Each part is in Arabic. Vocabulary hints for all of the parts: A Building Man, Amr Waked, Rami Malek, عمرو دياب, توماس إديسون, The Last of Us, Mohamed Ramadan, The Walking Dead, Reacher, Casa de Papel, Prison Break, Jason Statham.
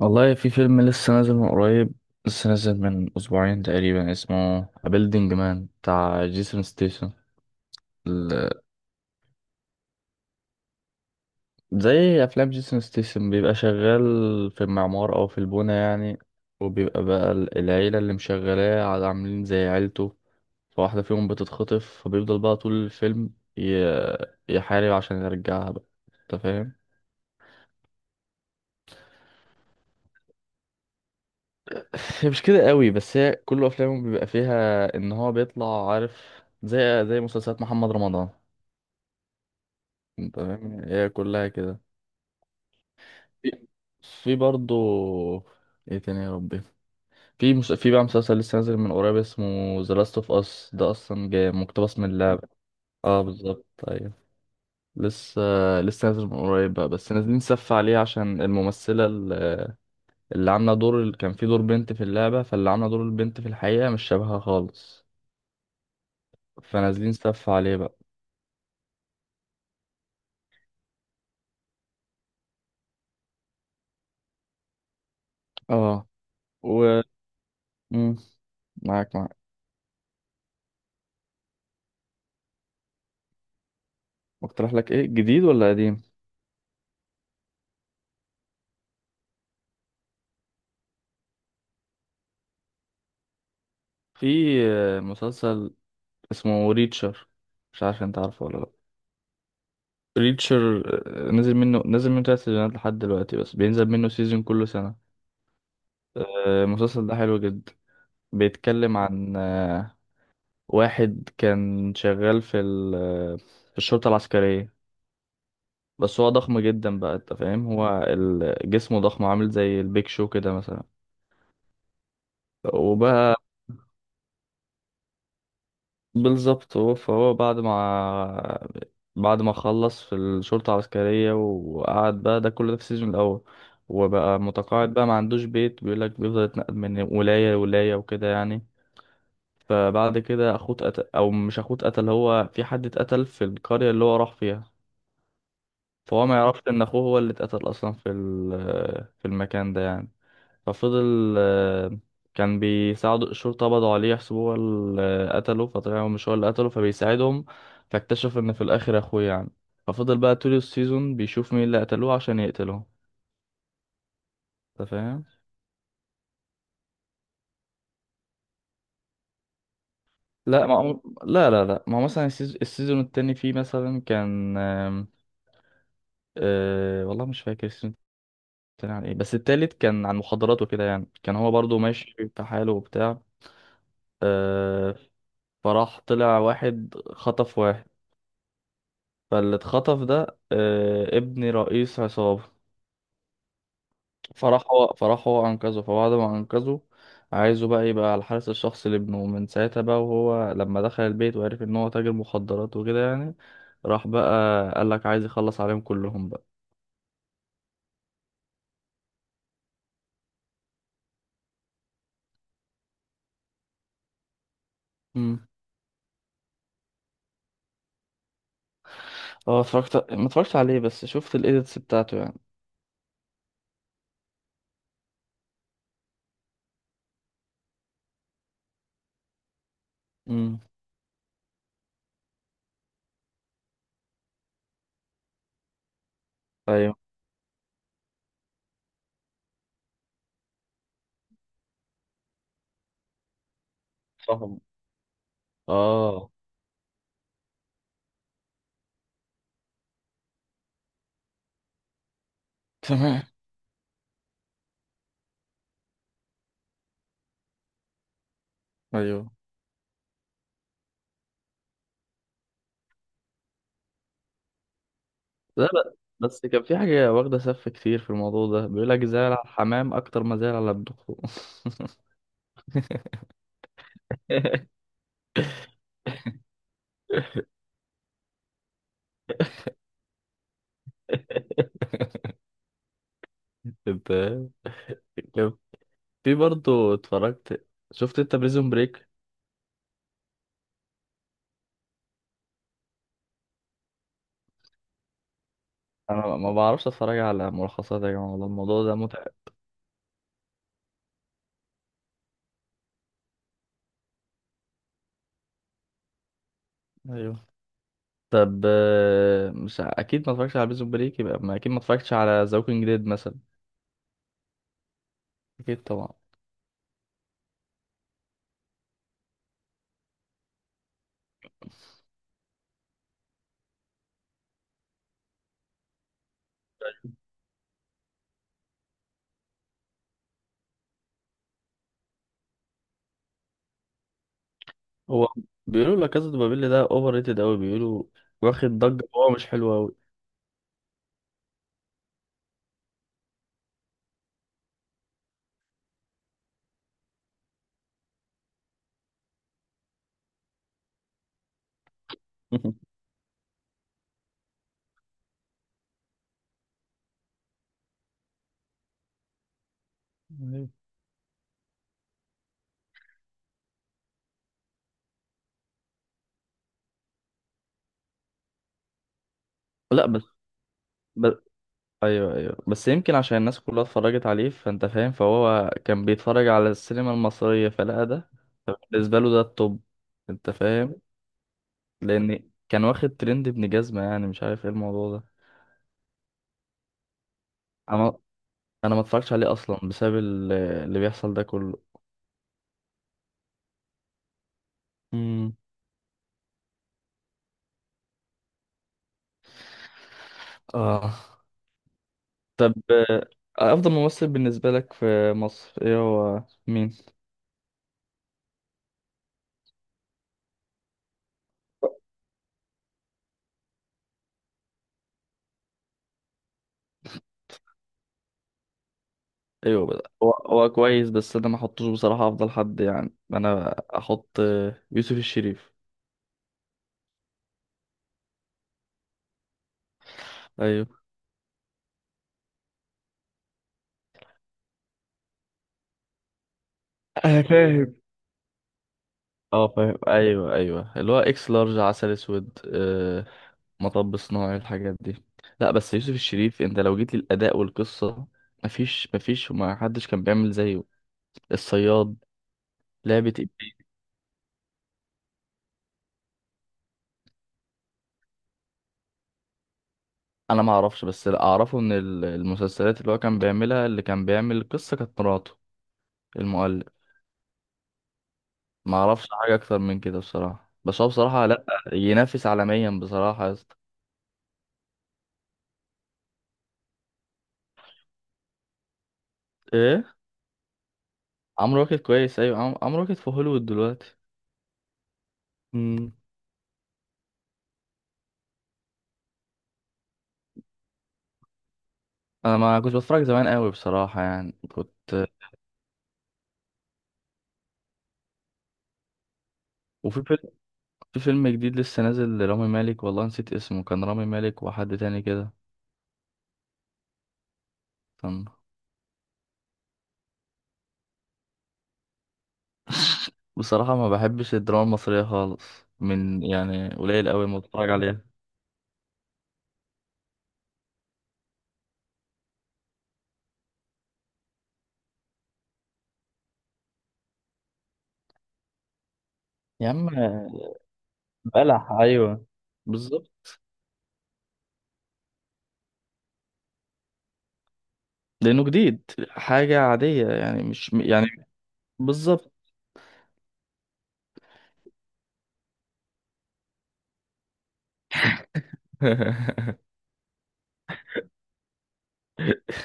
والله في فيلم لسه نازل من أسبوعين تقريبا، اسمه A Building Man بتاع جيسون ستيسن. زي أفلام جيسون ستيسن، بيبقى شغال في المعمار أو في البونة يعني. وبيبقى بقى العيلة اللي مشغلاه عاملين زي عيلته. فواحدة فيهم بتتخطف، فبيفضل بقى طول الفيلم ي- يحارب عشان يرجعها بقى. أنت فاهم؟ هي مش كده قوي، بس هي كل أفلامه بيبقى فيها إن هو بيطلع عارف، زي مسلسلات محمد رمضان. انت فاهم، هي كلها كده. في برضو، ايه تاني يا ربي؟ في بقى مسلسل لسه نازل من قريب، اسمه ذا لاست اوف اس. ده اصلا جاي مقتبس من اللعبة. اه، بالظبط، ايوه. لسه لسه نازل من قريب بقى، بس نازلين سف عليه عشان الممثلة اللي عاملة دور كان في دور بنت في اللعبة، فاللي عاملة دور البنت في الحقيقة مش شبهها خالص. فنازلين سف عليه بقى. اه. و مم، معاك معاك. اقترح لك ايه، جديد ولا قديم؟ في مسلسل اسمه ريتشر. مش عارف انت عارفه ولا لا. ريتشر. نزل منه تلات سيزونات لحد دلوقتي، بس بينزل منه سيزون كل سنة. المسلسل ده حلو جدا. بيتكلم عن واحد كان شغال في ال آه، في الشرطة العسكرية. بس هو ضخم جدا بقى، انت فاهم؟ هو جسمه ضخم، عامل زي البيك شو كده مثلا. وبقى بالظبط. هو فهو بعد ما خلص في الشرطة العسكرية وقعد بقى، ده كل ده في السيزون الأول. وبقى متقاعد بقى، ما عندوش بيت، بيقولك بيفضل يتنقل من ولاية لولاية وكده يعني. فبعد كده أخوه اتقتل، أو مش أخوه اتقتل، هو في حد اتقتل في القرية اللي هو راح فيها. فهو ما يعرفش إن أخوه هو اللي اتقتل أصلا في المكان ده يعني. ففضل كان بيساعدوا الشرطة، قبضوا عليه يحسبوه هو اللي قتله، فطلع هو مش هو اللي قتله، فبيساعدهم. فاكتشف ان في الاخر اخوه يعني. ففضل بقى طول السيزون بيشوف مين اللي قتلوه عشان يقتله. انت فاهم؟ لا. ما هو- لا، لا، لا، ما هو مثلا السيزون التاني فيه مثلا كان والله مش فاكر السيزون التاني عن ايه، بس التالت كان عن مخدرات وكده يعني، كان هو برضو ماشي في حاله وبتاع. آه، فراح طلع واحد خطف واحد. فاللي اتخطف ده ابن رئيس عصابة. فراح هو أنقذه، فبعد ما أنقذه عايزه بقى يبقى على الحارس الشخصي لابنه من ساعتها بقى. وهو لما دخل البيت وعرف إن هو تاجر مخدرات وكده يعني، راح بقى قالك عايز يخلص عليهم كلهم بقى. امم. اه، اتفرجت، ما اتفرجتش عليه، بس شفت الإيديتس بتاعته يعني. امم. أيوه. فاهم. اه. تمام. أيوه. لا، لا، بس كان في حاجة واخدة سف كتير في الموضوع ده، بيقولك زعل على الحمام أكتر ما زعل على ابنه. انت لو- في برضه اتفرجت، شفت انت بريزون بريك؟ انا ما بعرفش اتفرج على ملخصات يا جماعه، والله الموضوع ده متعب. ايوه. طب، مش ع- اكيد ما اتفرجتش على بريزون بريك، يبقى ما اكيد ما اتفرجتش على ذا ووكينج ديد مثلا. اكيد طبعا. هو بيقولوا لا كازا دي بابيل ده اوفر ريتد قوي، بيقولوا واخد ضجه وهو مش حلو قوي. أيوة. لا، بس ايوه، ايوه، بس يمكن عشان الناس كلها اتفرجت عليه، فانت فاهم؟ فهو كان بيتفرج على السينما المصريه فلقى ده. بالنسبة له ده الطب، انت فاهم؟ لان كان واخد ترند ابن جزمة يعني، مش عارف ايه الموضوع ده. انا انا ما اتفرجتش عليه اصلا بسبب اللي بيحصل ده كله. امم. اه. طب، افضل ممثل بالنسبة لك في مصر ايه، هو مين؟ ايوه بدأ. هو كويس، بس انا ما احطوش بصراحة افضل حد يعني. انا احط يوسف الشريف. ايوه. انا فاهم. اه فاهم، ايوه، ايوه اللي هو اكس لارج، عسل اسود، مطب صناعي، الحاجات دي. لا، بس يوسف الشريف، انت لو جيت للاداء والقصه، مفيش مفيش، وما حدش كان بيعمل زيه. الصياد. لعبه إيه؟ انا ما اعرفش، بس اللي اعرفه ان المسلسلات اللي هو كان بيعملها، اللي كان بيعمل القصه كانت مراته، المؤلف. ما اعرفش حاجه اكتر من كده بصراحه، بس هو بصراحه لا ينافس عالميا بصراحه يا اسطى. ايه؟ عمرو واكد كويس، ايوه، عمرو واكد في هوليوود دلوقتي. امم. انا ما كنت بتفرج زمان قوي بصراحه يعني كنت. وفي فيلم جديد لسه نازل لرامي مالك، والله نسيت اسمه، كان رامي مالك وحد تاني كده كان. بصراحة ما بحبش الدراما المصرية خالص، من يعني قليل قوي ما بتفرج عليها. يا عم بلح، ايوه، بالظبط. لانه جديد، حاجة عادية يعني، مش يعني، بالظبط.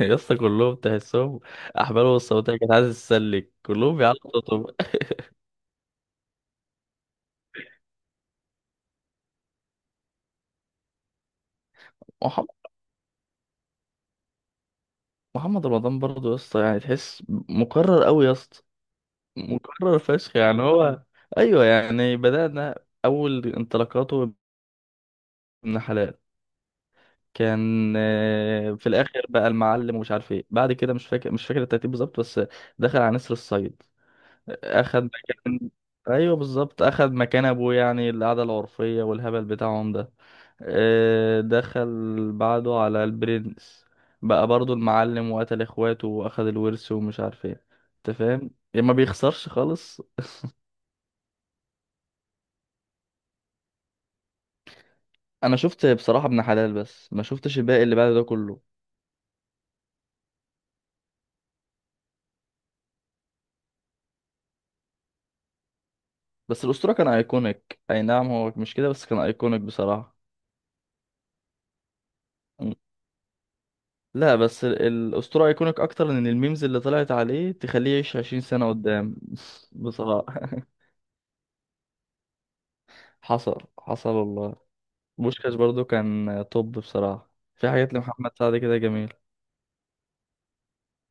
يا اسطى كلهم تحسهم احبالهم الصوتية كانت عايزة تسلك، كلهم بيعلقوا صوتهم. محمد محمد رمضان برضه يا اسطى يعني، تحس مقرر قوي يا اسطى. مكرر فشخ يعني هو. ايوه يعني بدأنا، اول انطلاقاته، ابن حلال. كان في الاخر بقى المعلم ومش عارف ايه بعد كده، مش فاكر الترتيب بالظبط، بس دخل على نسر الصيد. اخد مكان. ايوه بالظبط، اخد مكان ابوه يعني، القعده العرفيه والهبل بتاعهم ده. دخل بعده على البرنس، بقى برضو المعلم وقتل اخواته واخد الورث ومش عارف ايه. انت فاهم يعني، ما بيخسرش خالص. انا شفت بصراحه ابن حلال، بس ما شفتش الباقي اللي بعد ده كله. بس الاسطوره كان ايكونيك، اي نعم هو مش كده، بس كان ايكونيك بصراحه. م. لا، بس الاسطوره ايكونيك اكتر، لان الميمز اللي طلعت عليه تخليه يعيش 20 سنه قدام. بصراحه. حصل حصل والله. بوشكاش برضو كان توب بصراحه. في حاجات لمحمد سعد كده جميل.